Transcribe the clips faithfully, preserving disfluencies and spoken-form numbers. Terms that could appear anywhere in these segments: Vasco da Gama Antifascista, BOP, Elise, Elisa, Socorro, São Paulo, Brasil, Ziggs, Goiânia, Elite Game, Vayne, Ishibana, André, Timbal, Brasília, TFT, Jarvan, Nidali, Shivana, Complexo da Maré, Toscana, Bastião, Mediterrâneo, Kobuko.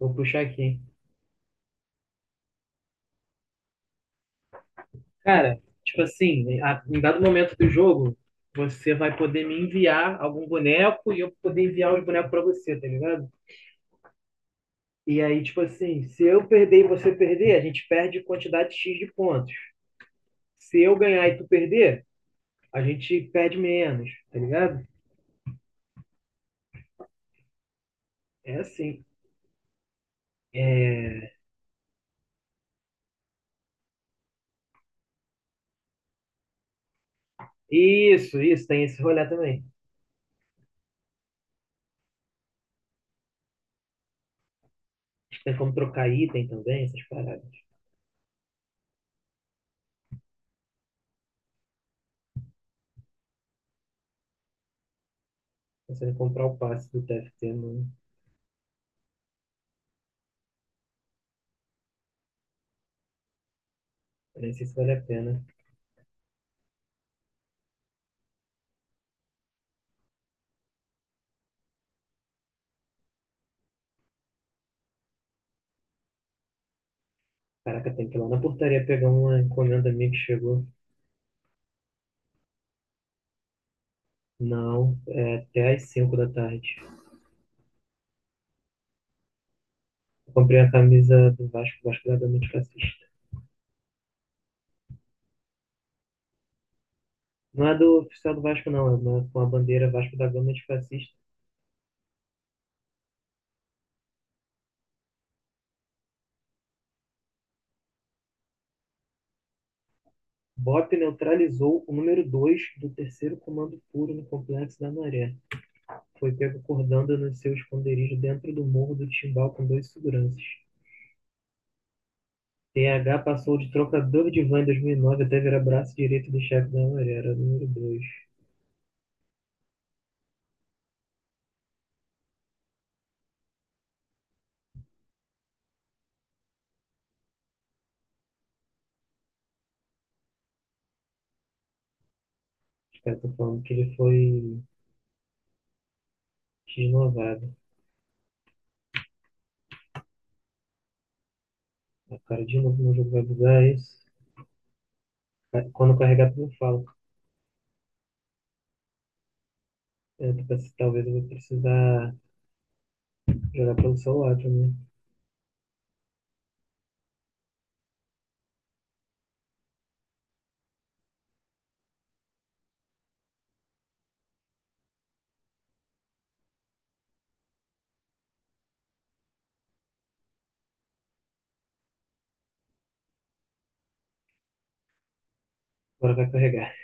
Vou puxar aqui. Cara, tipo assim, a- em dado momento do jogo, você vai poder me enviar algum boneco e eu poder enviar os bonecos pra você, tá ligado? E aí, tipo assim, se eu perder e você perder, a gente perde quantidade X de pontos. Se eu ganhar e tu perder, a gente perde menos, tá ligado? É assim. Isso, isso, tem esse rolê também. Tem como trocar item também, essas paradas. Pensando em comprar o passe do T F T, não, eu nem sei se vale a pena. Caraca, tem que ir lá na portaria pegar uma encomenda minha que chegou. Não, é até às cinco da tarde. Eu comprei a camisa do Vasco, Vasco da Gama Antifascista. Não é do oficial do Vasco, não, é uma, com a bandeira Vasco da Gama Antifascista. B O P neutralizou o número dois do terceiro comando puro no Complexo da Maré. Foi pego cordando no seu esconderijo dentro do morro do Timbal com dois seguranças. T H passou de trocador de van em dois mil e nove até virar braço direito do chefe da Maré, era o número dois. Os caras estão falando que ele foi renovado. A cara de novo no jogo vai bugar é isso. Ca- Quando eu carregar, eu falo. É, talvez talvez eu vou precisar jogar pelo celular também. Agora vai carregar.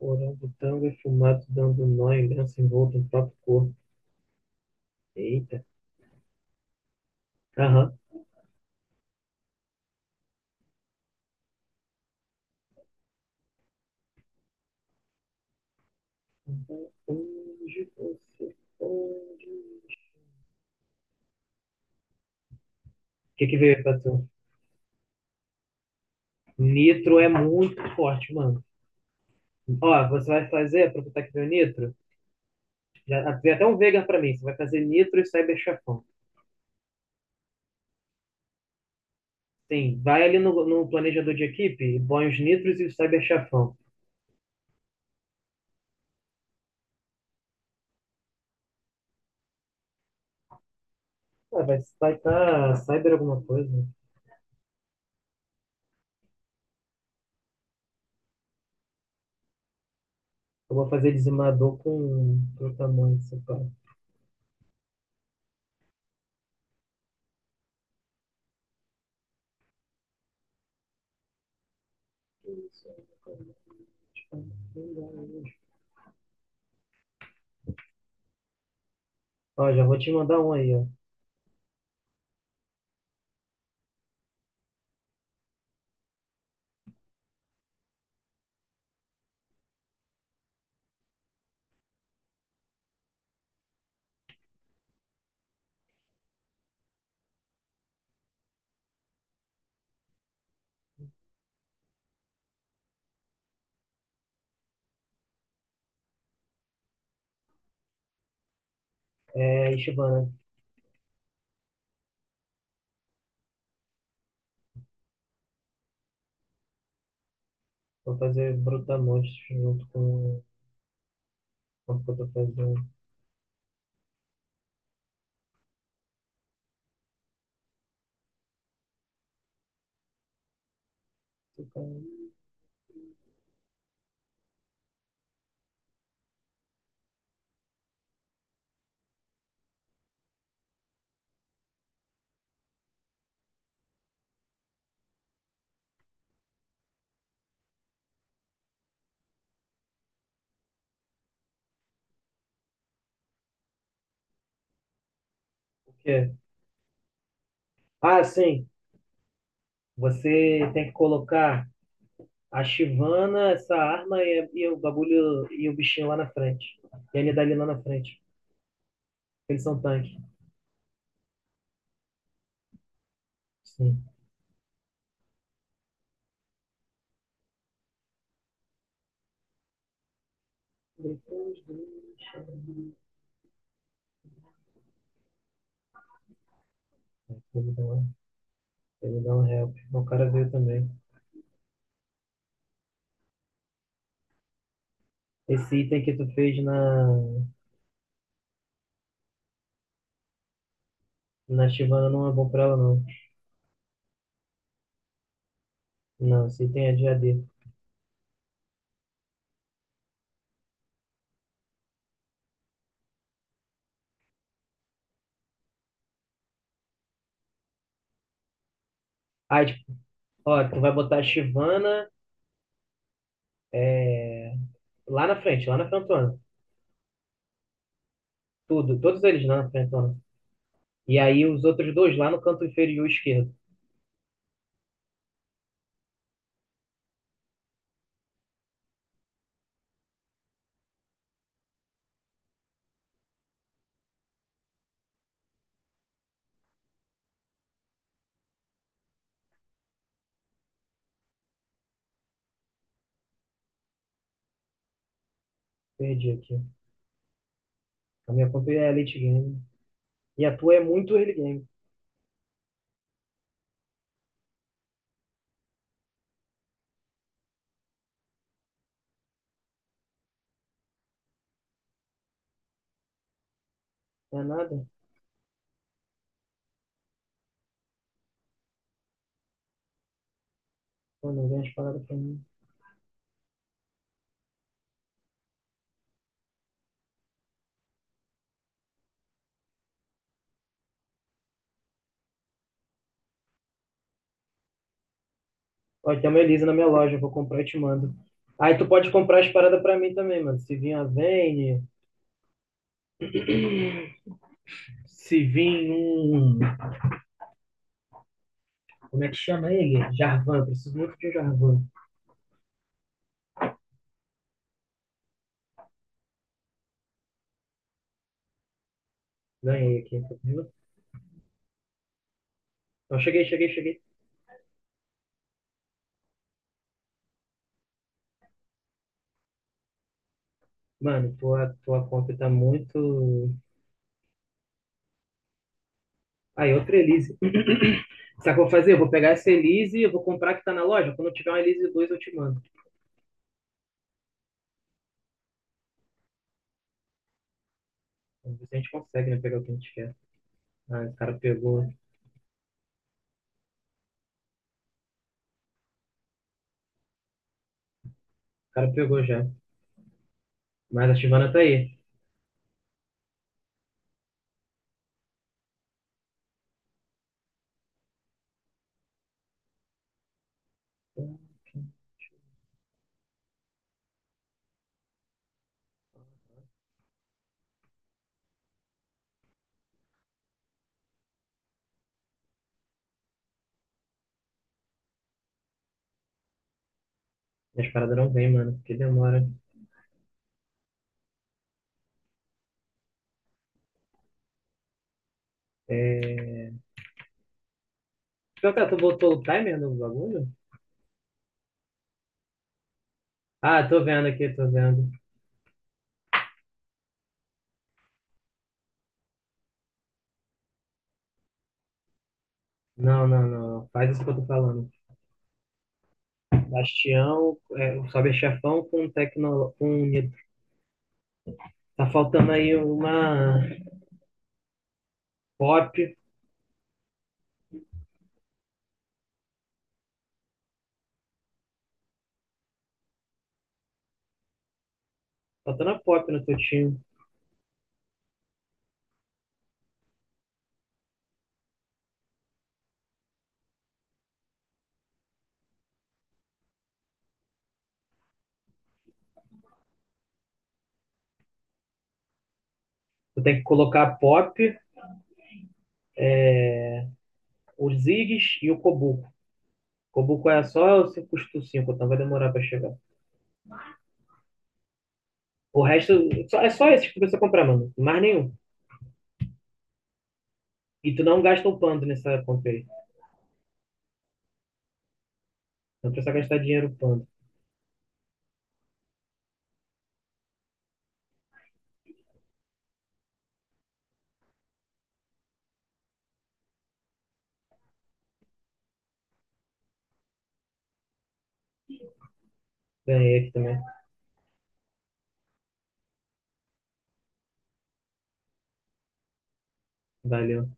Orango tango e fumado dando nó em lenço envolto no próprio corpo. Eita. Aham. Onde você pode... O que que veio aí pra tu? Nitro é muito forte, mano. Ó, você vai fazer, aproveitar que veio nitro. Já, tem até um vegan pra mim. Você vai fazer nitro e cyber chefão. Sim, vai ali no, no planejador de equipe e põe os nitros e o cyber chafão. Ah, vai vai estar cyber alguma coisa. Né? Eu vou fazer dizimador com protamante, sei lá. Ó, já vou te mandar um aí, ó. É, Ishibana. Vou fazer brutamonte junto com com o que eu tô fazendo. O quê? Ah, sim. Você tem que colocar a Shivana, essa arma e, e o bagulho e o bichinho lá na frente. E a Nidali lá na frente. Eles são tanque. Sim. Depois deixa. Eu vou dar uma, eu vou dar um help. O cara veio também. Esse item que tu fez na, na Chivana não é bom pra ela, não. Não, esse item é de A D. Ah, tipo, ó, tu vai botar a Chivana é, lá na frente, lá na frentona. Tudo, todos eles lá na frentona. E aí os outros dois lá no canto inferior esquerdo. Perdi aqui. A minha conta é Elite Game. E a tua é muito early game. Não é nada? Pô, não vem as paradas pra mim. Ó, tem uma Elisa na minha loja, eu vou comprar e te mando. Aí tu pode comprar as paradas pra mim também, mano. Se vir a Vayne, se vir um. Como é que chama ele? Jarvan, preciso muito de um Jarvan. Ganhei aqui, tá vendo? Então cheguei, cheguei, cheguei. Mano, tua, tua compra tá muito. Aí, outra Elise. Sabe o que eu vou fazer? Eu vou pegar essa Elise, e eu vou comprar a que tá na loja. Quando eu tiver uma Elise dois eu te mando. Vamos ver se a gente consegue, né? Pegar o que a gente quer. Ah, o cara pegou. O cara pegou já. Mas a Chivana tá aí. Minhas paradas não vêm, mano, porque demora. É... Pior que tu botou o timer no bagulho? Ah, tô vendo aqui, tô vendo. Não, não, não. Faz isso que eu tô falando. Bastião, é, o Sobe Chefão com Tecno... com Nitro. Tá faltando aí uma pop. Faltando a pop no teu time. Tu tem que colocar a pop, os Ziggs e o Kobuko. Kobuko é só o custo cinco então vai demorar pra chegar. O resto, só- é só esse que tu precisa comprar, mano. Mais nenhum. E tu não gasta o pando nessa compra aí. Não precisa gastar dinheiro quando. Ganhei aqui também. Valeu.